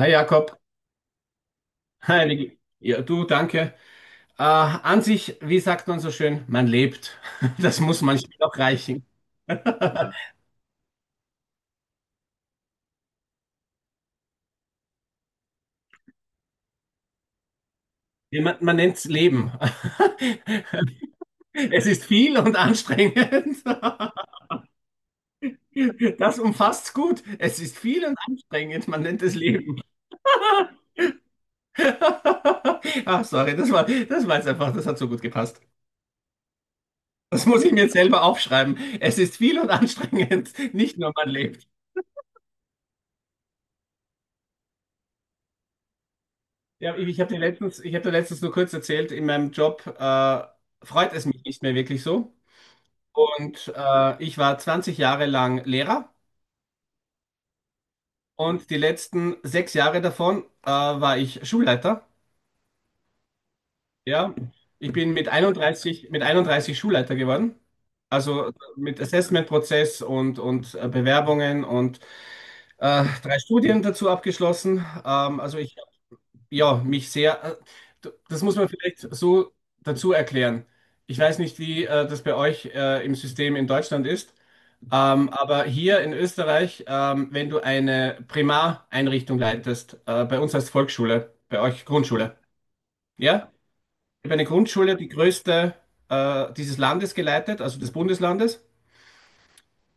Hi Jakob. Hi Niki. Ja, du, danke. An sich, wie sagt man so schön, man lebt. Das muss manchmal auch reichen. Ja, man nennt es Leben. Es ist viel und anstrengend. Das umfasst gut. Es ist viel und anstrengend. Man nennt es Leben. Ach, sorry, das war jetzt einfach, das hat so gut gepasst. Das muss ich mir jetzt selber aufschreiben. Es ist viel und anstrengend. Nicht nur man lebt. Ja, ich habe dir letztens nur kurz erzählt, in meinem Job freut es mich nicht mehr wirklich so. Und ich war 20 Jahre lang Lehrer und die letzten 6 Jahre davon war ich Schulleiter. Ja, ich bin mit einunddreißig Schulleiter geworden. Also mit Assessment-Prozess und Bewerbungen und drei Studien dazu abgeschlossen. Also ich ja, mich sehr, das muss man vielleicht so dazu erklären. Ich weiß nicht, wie das bei euch im System in Deutschland ist, aber hier in Österreich, wenn du eine Primareinrichtung leitest, bei uns heißt Volksschule, bei euch Grundschule, ja? Ich habe eine Grundschule, die größte dieses Landes geleitet, also des Bundeslandes.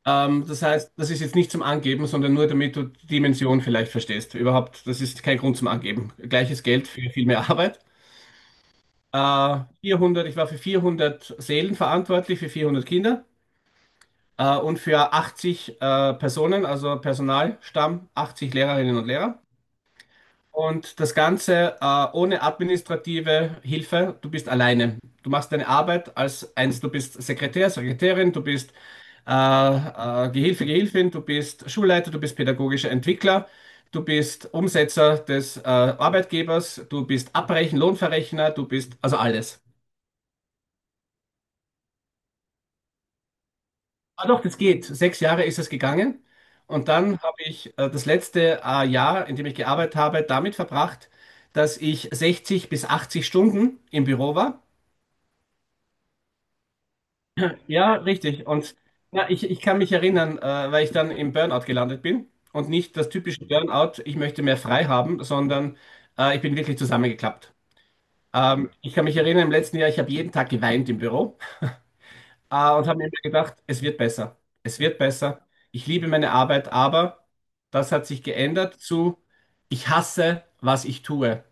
Das heißt, das ist jetzt nicht zum Angeben, sondern nur damit du die Dimension vielleicht verstehst. Überhaupt, das ist kein Grund zum Angeben. Gleiches Geld für viel mehr Arbeit. 400, ich war für 400 Seelen verantwortlich, für 400 Kinder und für 80 Personen, also Personalstamm, 80 Lehrerinnen und Lehrer. Und das Ganze ohne administrative Hilfe. Du bist alleine. Du machst deine Arbeit als eins. Du bist Sekretär, Sekretärin, du bist Gehilfe, Gehilfin, du bist Schulleiter, du bist pädagogischer Entwickler, du bist Umsetzer des Arbeitgebers, du bist Abrechen, Lohnverrechner, du bist also alles. Ah doch, das geht. 6 Jahre ist es gegangen. Und dann habe ich das letzte Jahr, in dem ich gearbeitet habe, damit verbracht, dass ich 60 bis 80 Stunden im Büro war. Ja, richtig. Und ja, ich kann mich erinnern, weil ich dann im Burnout gelandet bin. Und nicht das typische Burnout, ich möchte mehr frei haben, sondern ich bin wirklich zusammengeklappt. Ich kann mich erinnern, im letzten Jahr, ich habe jeden Tag geweint im Büro. Ah, und habe mir immer gedacht, es wird besser. Es wird besser. Ich liebe meine Arbeit, aber das hat sich geändert zu, ich hasse, was ich tue.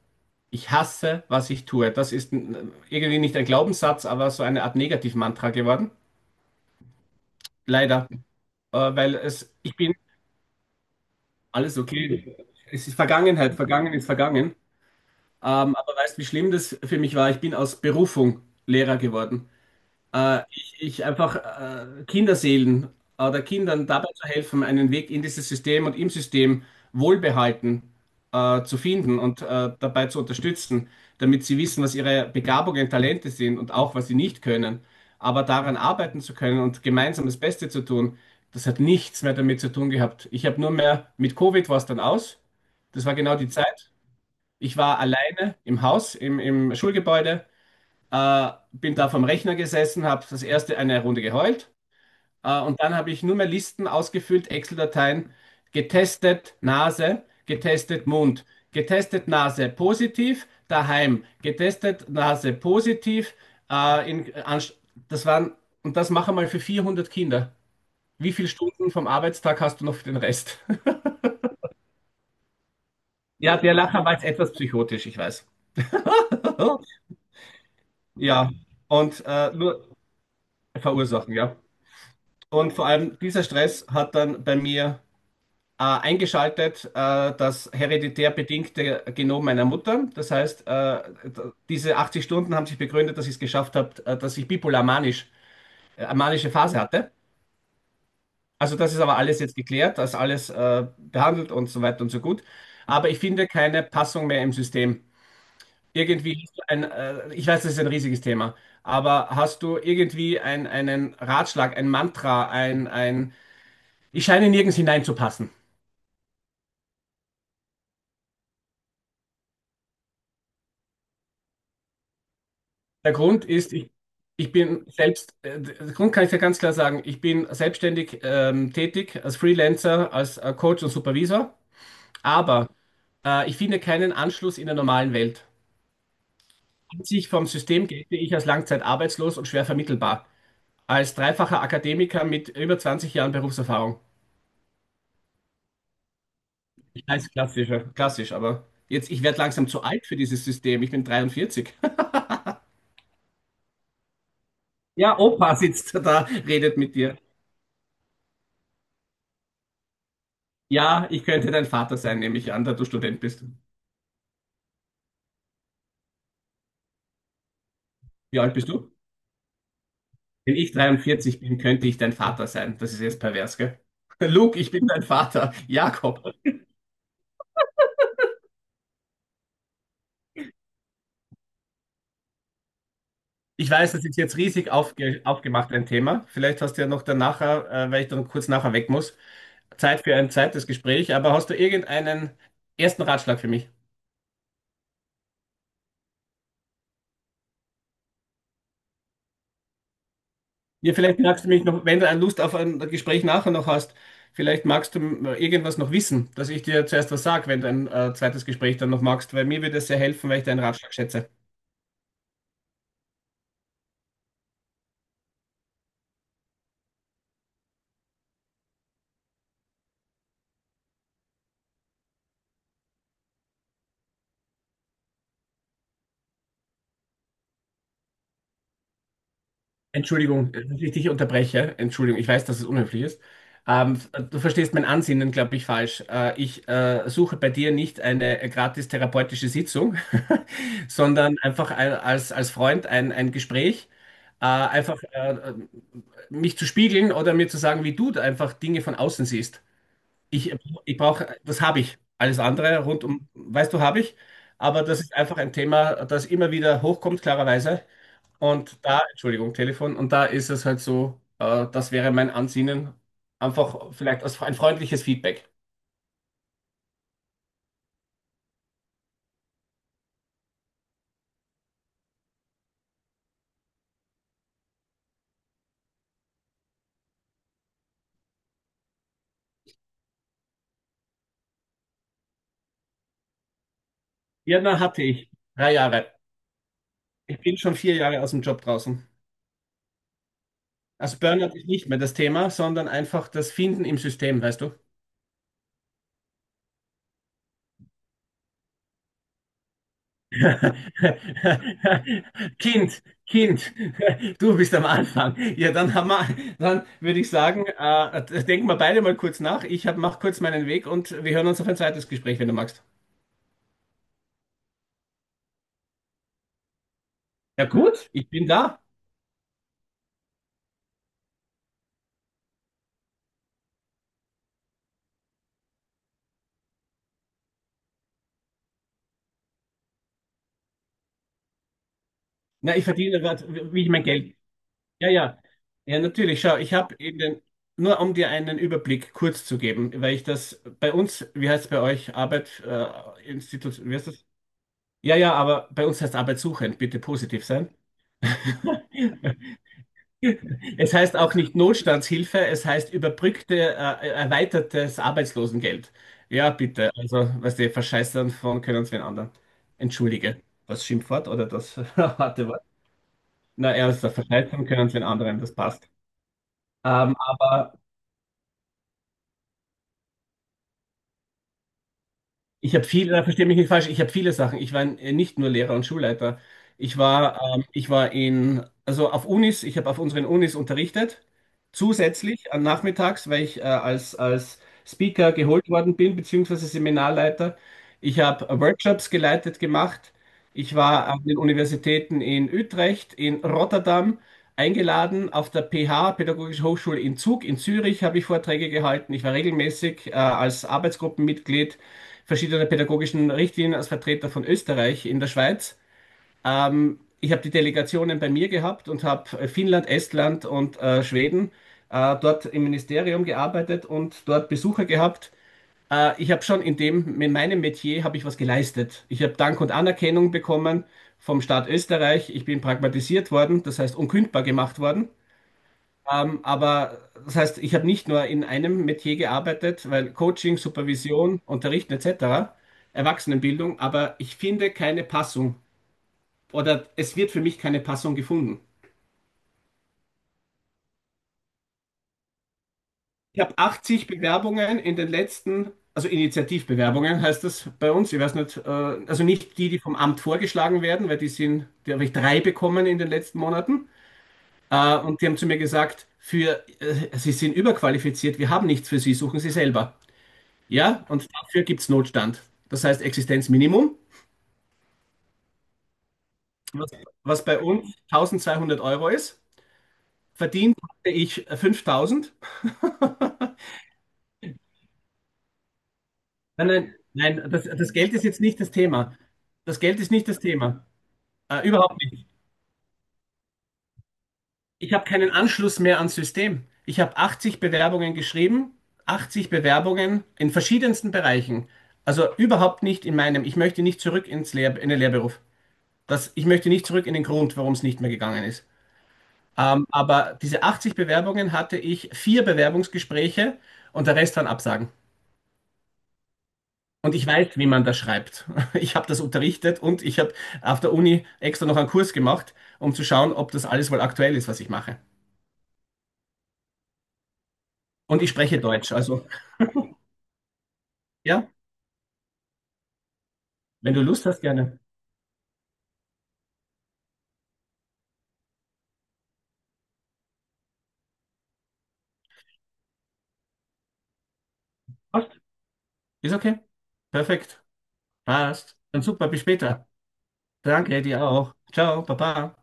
Ich hasse, was ich tue. Das ist irgendwie nicht ein Glaubenssatz, aber so eine Art Negativmantra geworden. Leider. Weil es, ich bin alles okay. Es ist Vergangenheit. Vergangen ist vergangen. Aber weißt du, wie schlimm das für mich war? Ich bin aus Berufung Lehrer geworden. Ich einfach Kinderseelen oder Kindern dabei zu helfen, einen Weg in dieses System und im System wohlbehalten zu finden und dabei zu unterstützen, damit sie wissen, was ihre Begabungen, Talente sind und auch, was sie nicht können. Aber daran arbeiten zu können und gemeinsam das Beste zu tun, das hat nichts mehr damit zu tun gehabt. Ich habe nur mehr, mit Covid war es dann aus. Das war genau die Zeit. Ich war alleine im Haus, im Schulgebäude. Bin da vom Rechner gesessen, habe das erste eine Runde geheult und dann habe ich nur mehr Listen ausgefüllt, Excel-Dateien, getestet Nase, getestet Mund, getestet Nase positiv, daheim, getestet Nase positiv. In, das waren, und das mache mal für 400 Kinder. Wie viele Stunden vom Arbeitstag hast du noch für den Rest? Ja, der Lacher war jetzt etwas psychotisch, ich weiß. Ja, und nur verursachen, ja. Und vor allem dieser Stress hat dann bei mir eingeschaltet das hereditär bedingte Genom meiner Mutter. Das heißt, diese 80 Stunden haben sich begründet, dass ich es geschafft habe, dass ich bipolar manisch, manische Phase hatte. Also das ist aber alles jetzt geklärt, das ist alles behandelt und so weiter und so gut. Aber ich finde keine Passung mehr im System. Irgendwie hast du ein, ich weiß, das ist ein riesiges Thema, aber hast du irgendwie einen Ratschlag, ein Mantra, ich scheine nirgends hineinzupassen. Der Grund ist, ich bin selbst, der Grund kann ich ja ganz klar sagen, ich bin selbstständig tätig als Freelancer, als Coach und Supervisor, aber ich finde keinen Anschluss in der normalen Welt. An sich vom System gelte ich als langzeitarbeitslos und schwer vermittelbar, als dreifacher Akademiker mit über 20 Jahren Berufserfahrung. Ich weiß, klassisch, ja, klassisch, aber jetzt, ich werde langsam zu alt für dieses System, ich bin 43. Ja, Opa sitzt da, redet mit dir. Ja, ich könnte dein Vater sein, nehme ich an, da du Student bist. Wie alt bist du? Wenn ich 43 bin, könnte ich dein Vater sein. Das ist jetzt pervers, gell? Luke, ich bin dein Vater. Jakob. Ich weiß, das ist jetzt riesig aufgemacht, ein Thema. Vielleicht hast du ja noch danach, weil ich dann kurz nachher weg muss, Zeit für ein zweites Gespräch. Aber hast du irgendeinen ersten Ratschlag für mich? Ja, vielleicht magst du mich noch, wenn du Lust auf ein Gespräch nachher noch hast, vielleicht magst du irgendwas noch wissen, dass ich dir zuerst was sage, wenn du ein zweites Gespräch dann noch magst, weil mir würde es sehr helfen, weil ich deinen Ratschlag schätze. Entschuldigung, dass ich dich unterbreche. Entschuldigung, ich weiß, dass es unhöflich ist. Ähm, Du verstehst mein Ansinnen, glaube ich, falsch. Ich suche bei dir nicht eine gratis therapeutische Sitzung, sondern einfach ein, als Freund ein Gespräch, einfach mich zu spiegeln oder mir zu sagen, wie du da einfach Dinge von außen siehst. Ich, ich brauche, das habe ich. Alles andere rund um, weißt du, habe ich. Aber das ist einfach ein Thema, das immer wieder hochkommt, klarerweise. Und da, Entschuldigung, Telefon, und da ist es halt so, das wäre mein Ansinnen, einfach vielleicht als ein freundliches Feedback. Birner hatte ich 3 Jahre. Ich bin schon 4 Jahre aus dem Job draußen. Also Burnout ist nicht mehr das Thema, sondern einfach das Finden im System, weißt du? Kind, Kind, du bist am Anfang. Ja, dann haben wir, dann würde ich sagen, denken wir beide mal kurz nach. Ich hab, mach kurz meinen Weg und wir hören uns auf ein zweites Gespräch, wenn du magst. Ja gut, ich bin da. Na, ich verdiene gerade, wie ich mein Geld. Ja, ja. Ja, natürlich. Schau, ich habe in den, nur um dir einen Überblick kurz zu geben, weil ich das bei uns, wie heißt es bei euch, Arbeit, Institut, wie heißt das? Ja, ja, aber bei uns heißt arbeitssuchend, bitte positiv sein. Es heißt auch nicht Notstandshilfe, es heißt überbrückte, erweitertes Arbeitslosengeld. Ja, bitte. Also, was die verscheißern von können uns wen anderen. Entschuldige. Das Schimpfwort oder das harte Wort. Na, erster verteidigen können, wenn anderen das passt. Aber ich habe viele. Da verstehe mich nicht falsch, ich habe viele Sachen. Ich war nicht nur Lehrer und Schulleiter. Ich war in, also auf Unis, ich habe auf unseren Unis unterrichtet, zusätzlich an nachmittags, weil ich als Speaker geholt worden bin, beziehungsweise Seminarleiter. Ich habe Workshops geleitet gemacht. Ich war an den Universitäten in Utrecht, in Rotterdam eingeladen, auf der PH, Pädagogische Hochschule in Zug, in Zürich habe ich Vorträge gehalten. Ich war regelmäßig als Arbeitsgruppenmitglied verschiedene pädagogischen Richtlinien als Vertreter von Österreich in der Schweiz. Ich habe die Delegationen bei mir gehabt und habe Finnland, Estland und Schweden dort im Ministerium gearbeitet und dort Besucher gehabt. Ich habe schon in dem, in meinem Metier habe ich was geleistet. Ich habe Dank und Anerkennung bekommen vom Staat Österreich. Ich bin pragmatisiert worden, das heißt unkündbar gemacht worden. Aber das heißt, ich habe nicht nur in einem Metier gearbeitet, weil Coaching, Supervision, Unterrichten etc., Erwachsenenbildung, aber ich finde keine Passung oder es wird für mich keine Passung gefunden. Ich habe 80 Bewerbungen in den letzten, also Initiativbewerbungen heißt das bei uns, ich weiß nicht, also nicht die, die vom Amt vorgeschlagen werden, weil die sind, die habe ich drei bekommen in den letzten Monaten. Und die haben zu mir gesagt, Sie sind überqualifiziert, wir haben nichts für Sie, suchen Sie selber. Ja, und dafür gibt es Notstand. Das heißt Existenzminimum, was, was bei uns 1.200 Euro ist. Verdient hatte ich 5.000. Nein, nein, nein, das Geld ist jetzt nicht das Thema. Das Geld ist nicht das Thema. Überhaupt nicht. Ich habe keinen Anschluss mehr ans System. Ich habe 80 Bewerbungen geschrieben, 80 Bewerbungen in verschiedensten Bereichen. Also überhaupt nicht in meinem. Ich möchte nicht zurück ins Lehr in den Lehrberuf. Das, ich möchte nicht zurück in den Grund, warum es nicht mehr gegangen ist. Aber diese 80 Bewerbungen hatte ich vier Bewerbungsgespräche und der Rest waren Absagen. Und ich weiß, wie man das schreibt. Ich habe das unterrichtet und ich habe auf der Uni extra noch einen Kurs gemacht, um zu schauen, ob das alles wohl aktuell ist, was ich mache. Und ich spreche Deutsch. Also, ja, wenn du Lust hast, gerne. Passt. Ist okay. Perfekt. Passt. Dann super, bis später. Danke, dir auch. Ciao, Baba.